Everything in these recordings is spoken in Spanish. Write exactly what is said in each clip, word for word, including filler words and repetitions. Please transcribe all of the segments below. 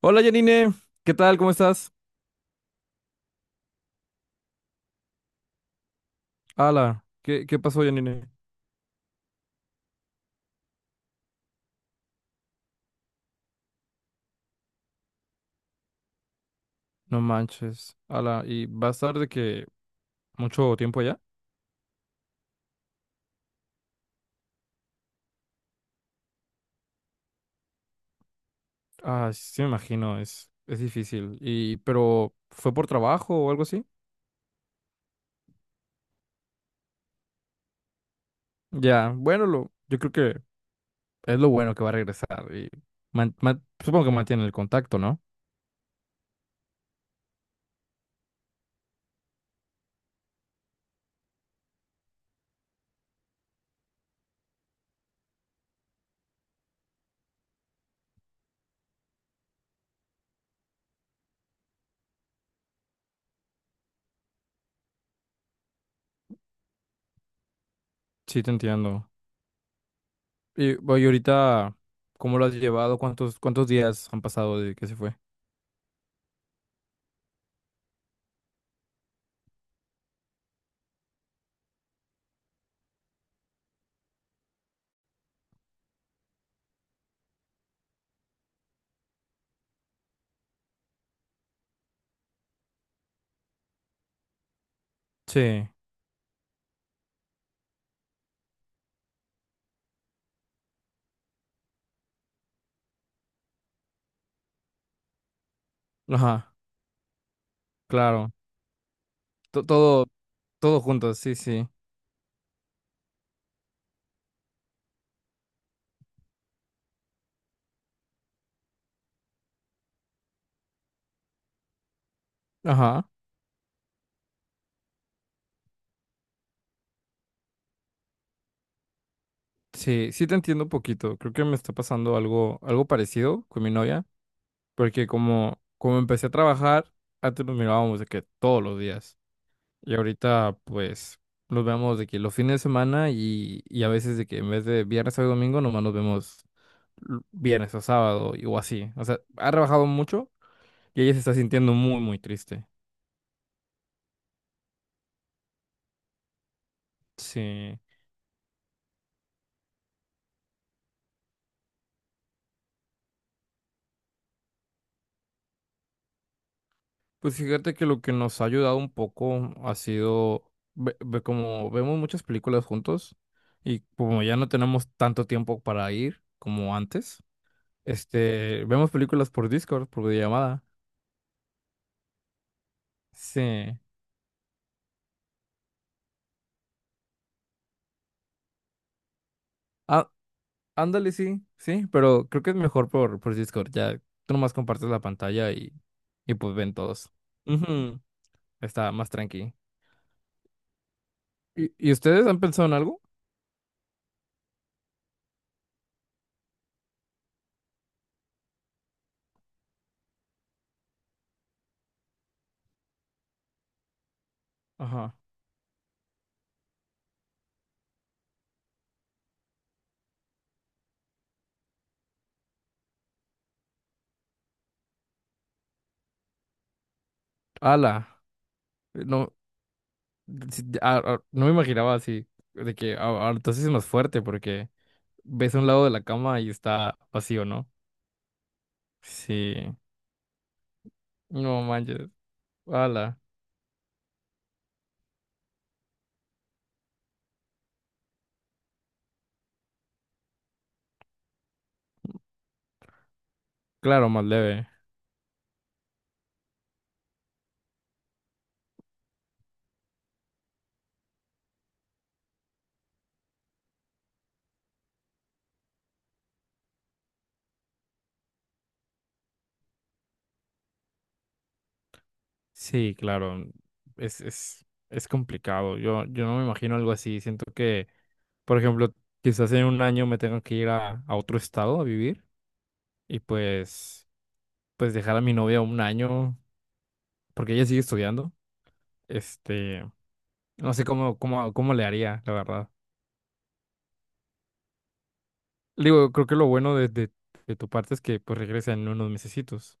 Hola Janine, ¿qué tal? ¿Cómo estás? Ala, ¿qué, qué pasó, Janine? No manches, ala, ¿y va a estar de que mucho tiempo allá? Ah, sí, me imagino, es, es difícil. Y, pero, ¿fue por trabajo o algo así? Ya, bueno, lo, yo creo que es lo bueno que va a regresar y man- man- supongo que mantiene el contacto, ¿no? Sí, te entiendo. Y, oye, ahorita, ¿cómo lo has llevado? ¿Cuántos, cuántos días han pasado de que se fue? Sí, ajá, claro. To- Todo, todo juntos, sí, sí. Ajá. Sí, sí te entiendo un poquito. Creo que me está pasando algo, algo parecido con mi novia, porque como, como empecé a trabajar, antes nos mirábamos de que todos los días. Y ahorita, pues, nos vemos de que los fines de semana y, y a veces de que en vez de viernes a domingo, nomás nos vemos l- viernes o sábado y- o así. O sea, ha trabajado mucho y ella se está sintiendo muy, muy triste. Sí. Pues fíjate que lo que nos ha ayudado un poco ha sido, ve- ve- como vemos muchas películas juntos y como ya no tenemos tanto tiempo para ir como antes, este, vemos películas por Discord, por videollamada. Sí. Ah, ándale, sí, sí, pero creo que es mejor por, por, Discord. Ya tú nomás compartes la pantalla y, y pues ven todos. Ujú. Está más tranqui. ¿Y, y ustedes han pensado en algo? Ajá. Ala. No, sí, a- a- no me imaginaba así, de que a- ahora entonces es más fuerte porque ves a un lado de la cama y está vacío, ¿no? Sí, no manches, ala, claro, más leve. Sí, claro, es, es, es complicado, yo, yo no me imagino algo así, siento que, por ejemplo, quizás en un año me tengo que ir a, a otro estado a vivir y pues, pues dejar a mi novia un año, porque ella sigue estudiando, este, no sé cómo, cómo, cómo le haría, la verdad. Digo, creo que lo bueno de, de- de tu parte es que pues regresa en unos mesecitos.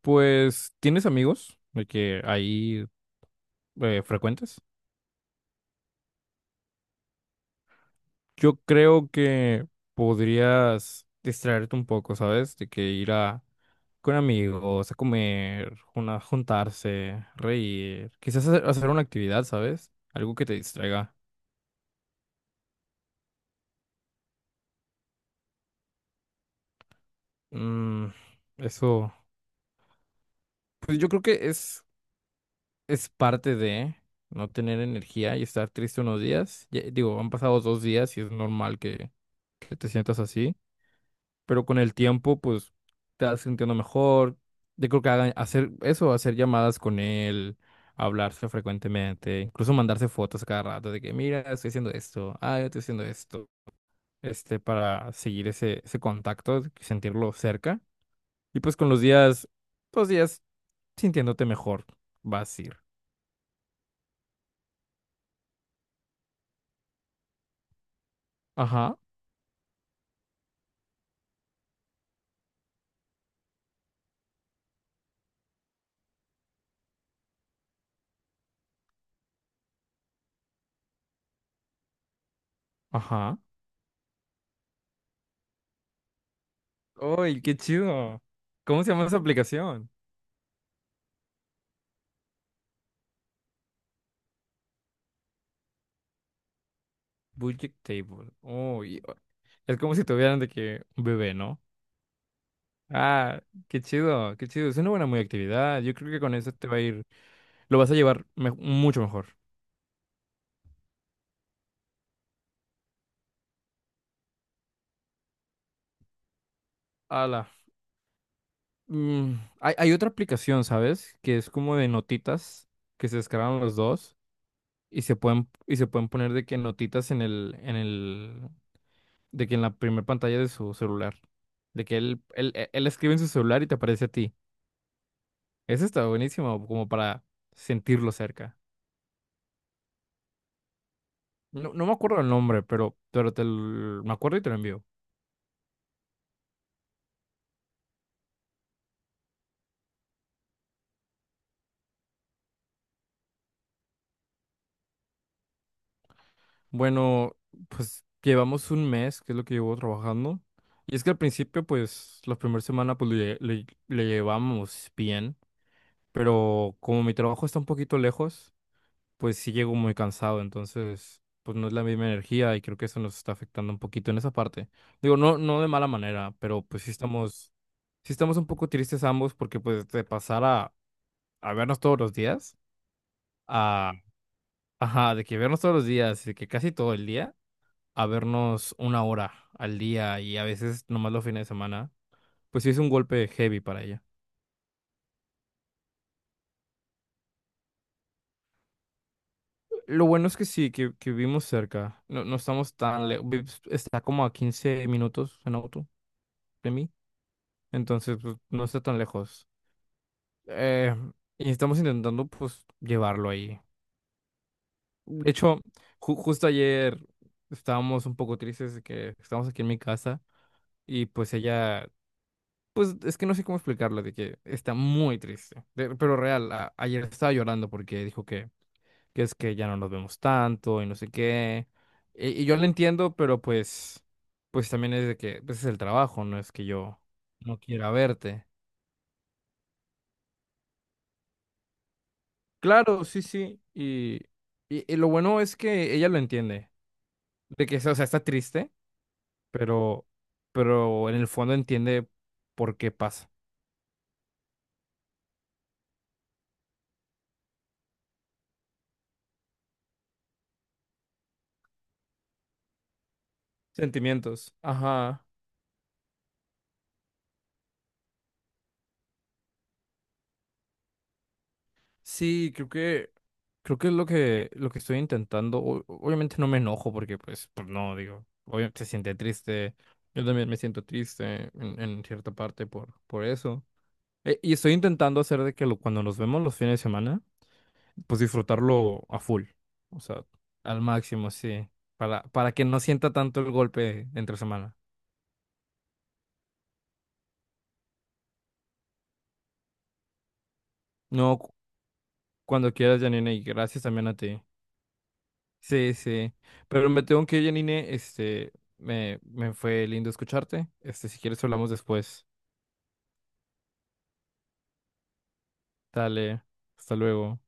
Pues, ¿tienes amigos de que ahí, eh, frecuentes? Yo creo que podrías distraerte un poco, ¿sabes? De que ir a con amigos, a comer, una, juntarse, reír, quizás hacer, hacer una actividad, ¿sabes? Algo que te distraiga. Mm, eso, pues yo creo que es es parte de no tener energía y estar triste unos días. Ya- digo, han pasado dos días y es normal que, que, te sientas así, pero con el tiempo, pues te vas sintiendo mejor. Yo creo que hagan- hacer eso, hacer llamadas con él, hablarse frecuentemente, incluso mandarse fotos a cada rato de que, mira, estoy haciendo esto, ah, yo estoy haciendo esto, este, para seguir ese, ese, contacto, sentirlo cerca. Y pues con los días, los días sintiéndote mejor, vas a ir. Ajá, ajá. ¡Uy, qué chido! ¿Cómo se llama esa aplicación? Budget Table. Uy, es como si tuvieran de que un bebé, ¿no? Ah, qué chido, qué chido. Es una buena muy actividad. Yo creo que con eso te va a ir, lo vas a llevar me- mucho mejor. Ala. Mm, hay, hay otra aplicación, ¿sabes? Que es como de notitas que se descargan los dos y se pueden y se pueden poner de que notitas en el en el de que en la primera pantalla de su celular. De que él, él, él él escribe en su celular y te aparece a ti. Ese está buenísimo, como para sentirlo cerca. No, no me acuerdo el nombre, pero, pero te l- me acuerdo y te lo envío. Bueno, pues llevamos un mes, que es lo que llevo trabajando. Y es que al principio, pues, la primera semana, pues, le, le- le llevamos bien. Pero como mi trabajo está un poquito lejos, pues sí llego muy cansado. Entonces, pues no es la misma energía y creo que eso nos está afectando un poquito en esa parte. Digo, no, no de mala manera, pero pues sí estamos... Sí estamos un poco tristes ambos porque pues de pasar a, a vernos todos los días, a, ajá, de que vernos todos los días, de que casi todo el día, a vernos una hora al día y a veces nomás los fines de semana, pues sí es un golpe heavy para ella. Lo bueno es que sí, que, que vivimos cerca, no, no estamos tan lejos, está como a quince minutos en auto de mí, entonces pues, no está tan lejos. Eh, y estamos intentando pues llevarlo ahí. De hecho, ju- justo ayer estábamos un poco tristes de que estamos aquí en mi casa. Y pues ella. Pues es que no sé cómo explicarlo, de que está muy triste. De- pero real, a- ayer estaba llorando porque dijo que, que es que ya no nos vemos tanto y no sé qué. Y, y yo lo entiendo, pero pues, pues también es de que pues es el trabajo, no es que yo no quiera verte. Claro, sí, sí. Y, y, y lo bueno es que ella lo entiende. De que, o sea, está triste, pero, pero en el fondo entiende por qué pasa. Sentimientos. Ajá. Sí, creo que creo que es lo que, lo que, estoy intentando. O- obviamente no me enojo porque, pues, pues no, digo, obviamente se siente triste. Yo también me siento triste en, en, cierta parte por, por eso. E- y estoy intentando hacer de que lo- cuando nos vemos los fines de semana, pues disfrutarlo a full. O sea, al máximo, sí. Para, para que no sienta tanto el golpe entre semana. No, cu- cuando quieras, Janine, y gracias también a ti. Sí, sí. Pero me tengo que ir, Janine. Este, me, me fue lindo escucharte. Este, si quieres hablamos después. Dale, hasta luego.